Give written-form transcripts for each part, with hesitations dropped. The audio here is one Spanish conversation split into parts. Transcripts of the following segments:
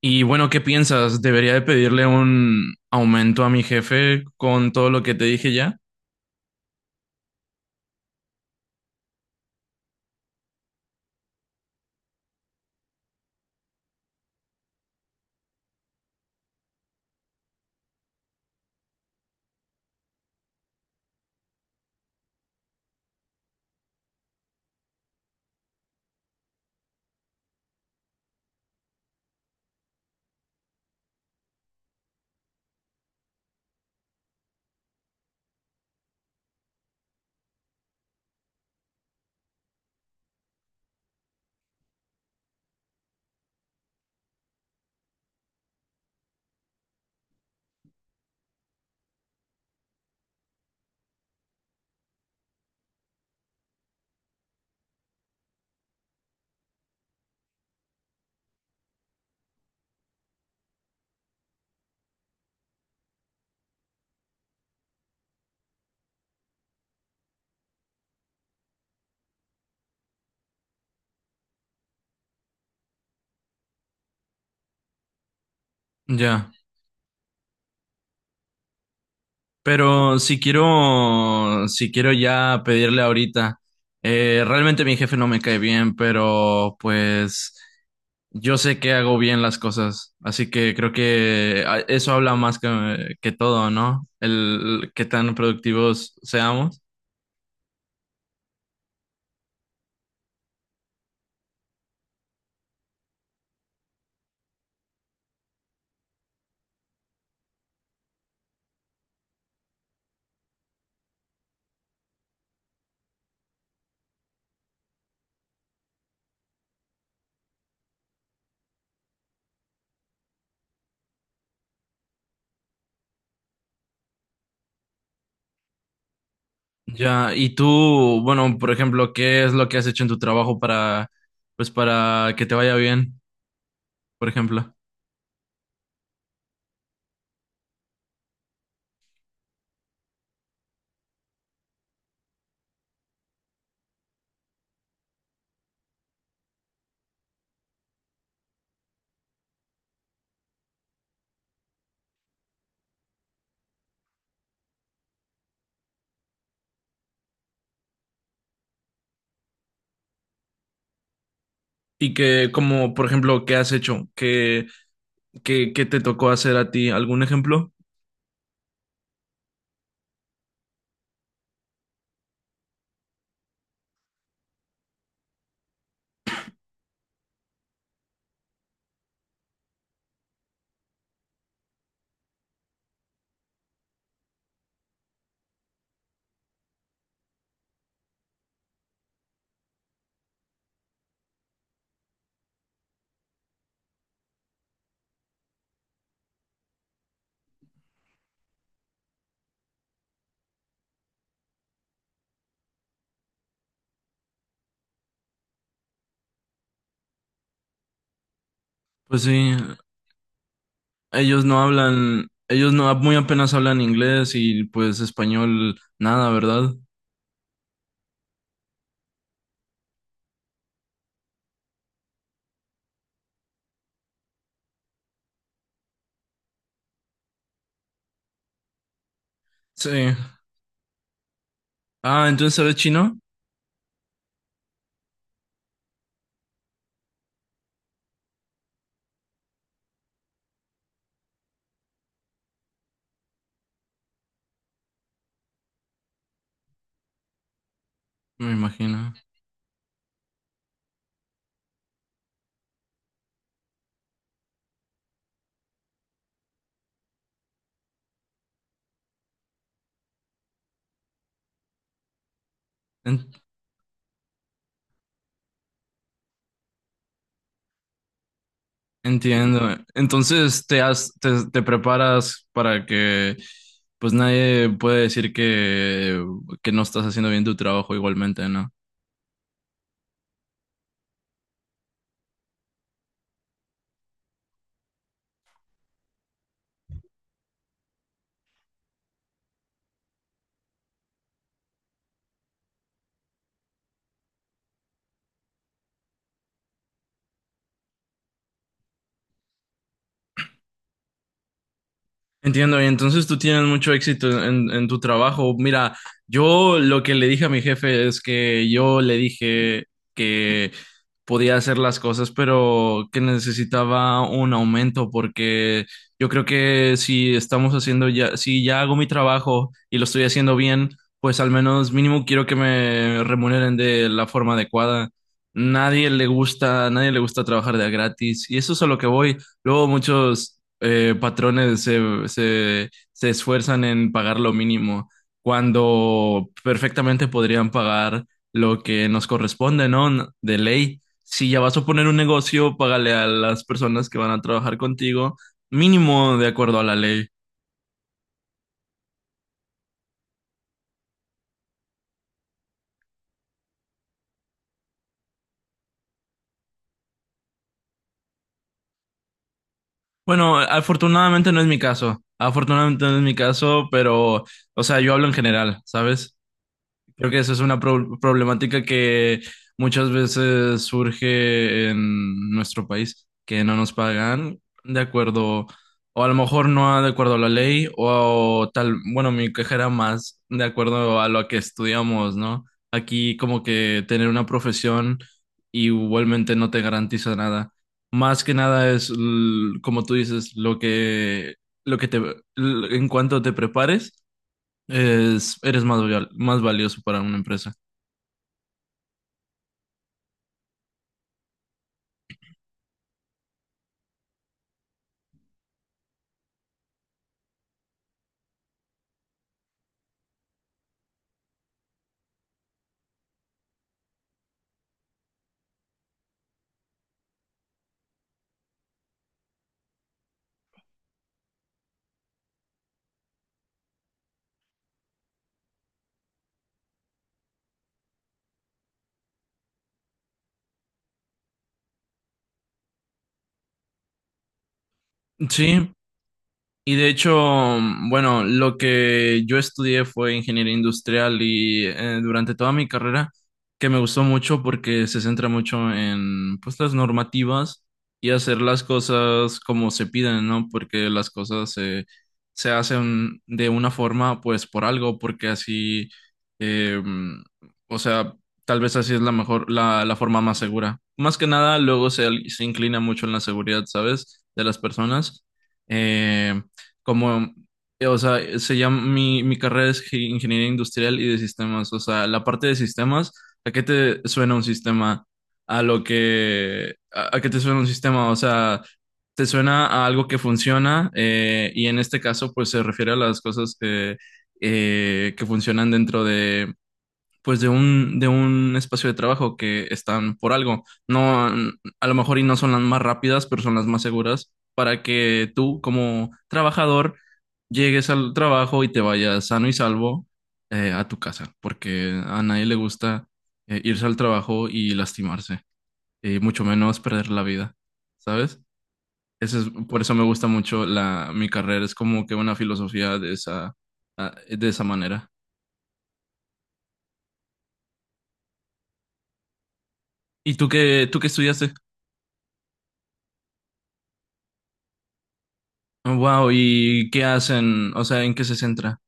Y bueno, ¿qué piensas? ¿Debería de pedirle un aumento a mi jefe con todo lo que te dije ya? Ya. Pero si quiero ya pedirle ahorita, realmente mi jefe no me cae bien, pero pues yo sé que hago bien las cosas, así que creo que eso habla más que todo, ¿no? El, qué tan productivos seamos. Ya, y tú, bueno, por ejemplo, ¿qué es lo que has hecho en tu trabajo para, pues, para que te vaya bien, por ejemplo? Y que, como, por ejemplo, ¿qué has hecho? ¿Qué te tocó hacer a ti? ¿Algún ejemplo? Pues sí, ellos no, muy apenas hablan inglés y pues español, nada, ¿verdad? Sí. Ah, entonces sabes chino, me imagino. Entiendo. Entonces te preparas para que pues nadie puede decir que no estás haciendo bien tu trabajo igualmente, ¿no? Entiendo, y entonces tú tienes mucho éxito en tu trabajo. Mira, yo lo que le dije a mi jefe es que yo le dije que podía hacer las cosas, pero que necesitaba un aumento, porque yo creo que si ya hago mi trabajo y lo estoy haciendo bien, pues al menos mínimo quiero que me remuneren de la forma adecuada. Nadie le gusta trabajar de a gratis, y eso es a lo que voy. Luego muchos patrones se esfuerzan en pagar lo mínimo cuando perfectamente podrían pagar lo que nos corresponde, ¿no? De ley. Si ya vas a poner un negocio, págale a las personas que van a trabajar contigo mínimo de acuerdo a la ley. Bueno, afortunadamente no es mi caso. Afortunadamente no es mi caso, pero, o sea, yo hablo en general, ¿sabes? Creo que eso es una problemática que muchas veces surge en nuestro país, que no nos pagan de acuerdo, o a lo mejor no de acuerdo a la ley, o tal, bueno, mi queja era más de acuerdo a lo que estudiamos, ¿no? Aquí como que tener una profesión igualmente no te garantiza nada. Más que nada es, como tú dices, lo que en cuanto te prepares es, eres más, más valioso para una empresa. Sí, y de hecho, bueno, lo que yo estudié fue ingeniería industrial y durante toda mi carrera, que me gustó mucho porque se centra mucho en pues las normativas y hacer las cosas como se piden, ¿no? Porque se hacen de una forma pues por algo, porque así, eh, mm, o sea, tal vez así es la forma más segura. Más que nada, luego se inclina mucho en la seguridad, ¿sabes? De las personas. Em, como, o sea, se llama, mi carrera es ingeniería industrial y de sistemas, o sea, la parte de sistemas, ¿a qué te suena un sistema? A lo que, a qué te suena un sistema, o sea, te suena a algo que funciona y en este caso, pues se refiere a las cosas que funcionan dentro de... pues de de un espacio de trabajo que están por algo. No, a lo mejor y no son las más rápidas, pero son las más seguras para que tú como trabajador llegues al trabajo y te vayas sano y salvo a tu casa, porque a nadie le gusta irse al trabajo y lastimarse, y mucho menos perder la vida, ¿sabes? Eso es, por eso me gusta mucho mi carrera, es como que una filosofía de esa, de esa manera. ¿Y tú qué estudiaste? Wow, ¿y qué hacen? O sea, ¿en qué se centra?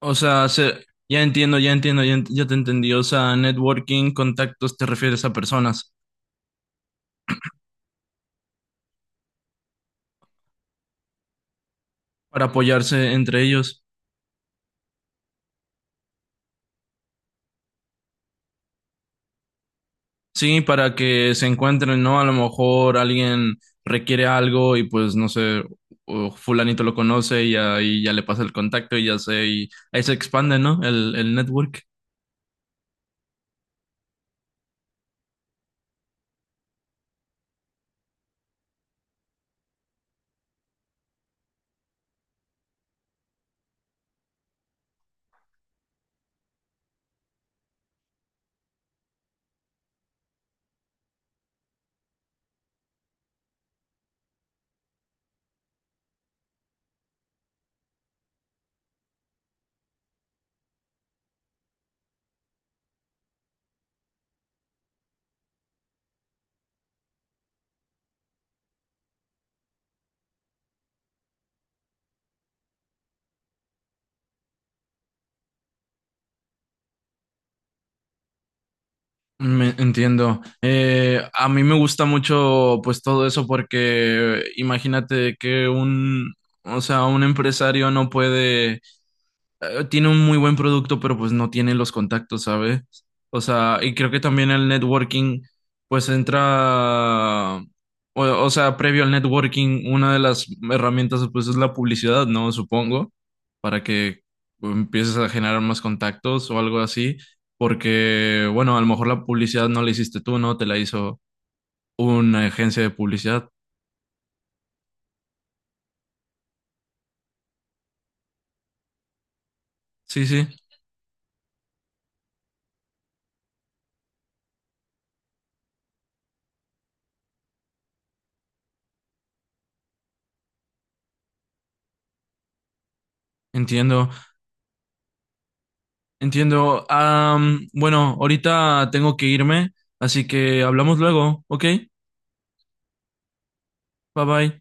O sea, ya entiendo, ya entiendo, ya te entendí. O sea, networking, contactos, te refieres a personas para apoyarse entre ellos. Sí, para que se encuentren, ¿no? A lo mejor alguien requiere algo y pues no sé, o fulanito lo conoce y ahí ya le pasa el contacto y ahí se expande, ¿no? El network. Me entiendo. A mí me gusta mucho pues todo eso porque imagínate que o sea, un empresario no puede tiene un muy buen producto, pero pues no tiene los contactos, ¿sabes? O sea, y creo que también el networking, pues entra, o sea, previo al networking, una de las herramientas, pues es la publicidad, ¿no? Supongo, para que empieces a generar más contactos o algo así, porque, bueno, a lo mejor la publicidad no la hiciste tú, ¿no? Te la hizo una agencia de publicidad. Sí, sí, entiendo. Entiendo. Bueno, ahorita tengo que irme, así que hablamos luego, ¿ok? Bye bye.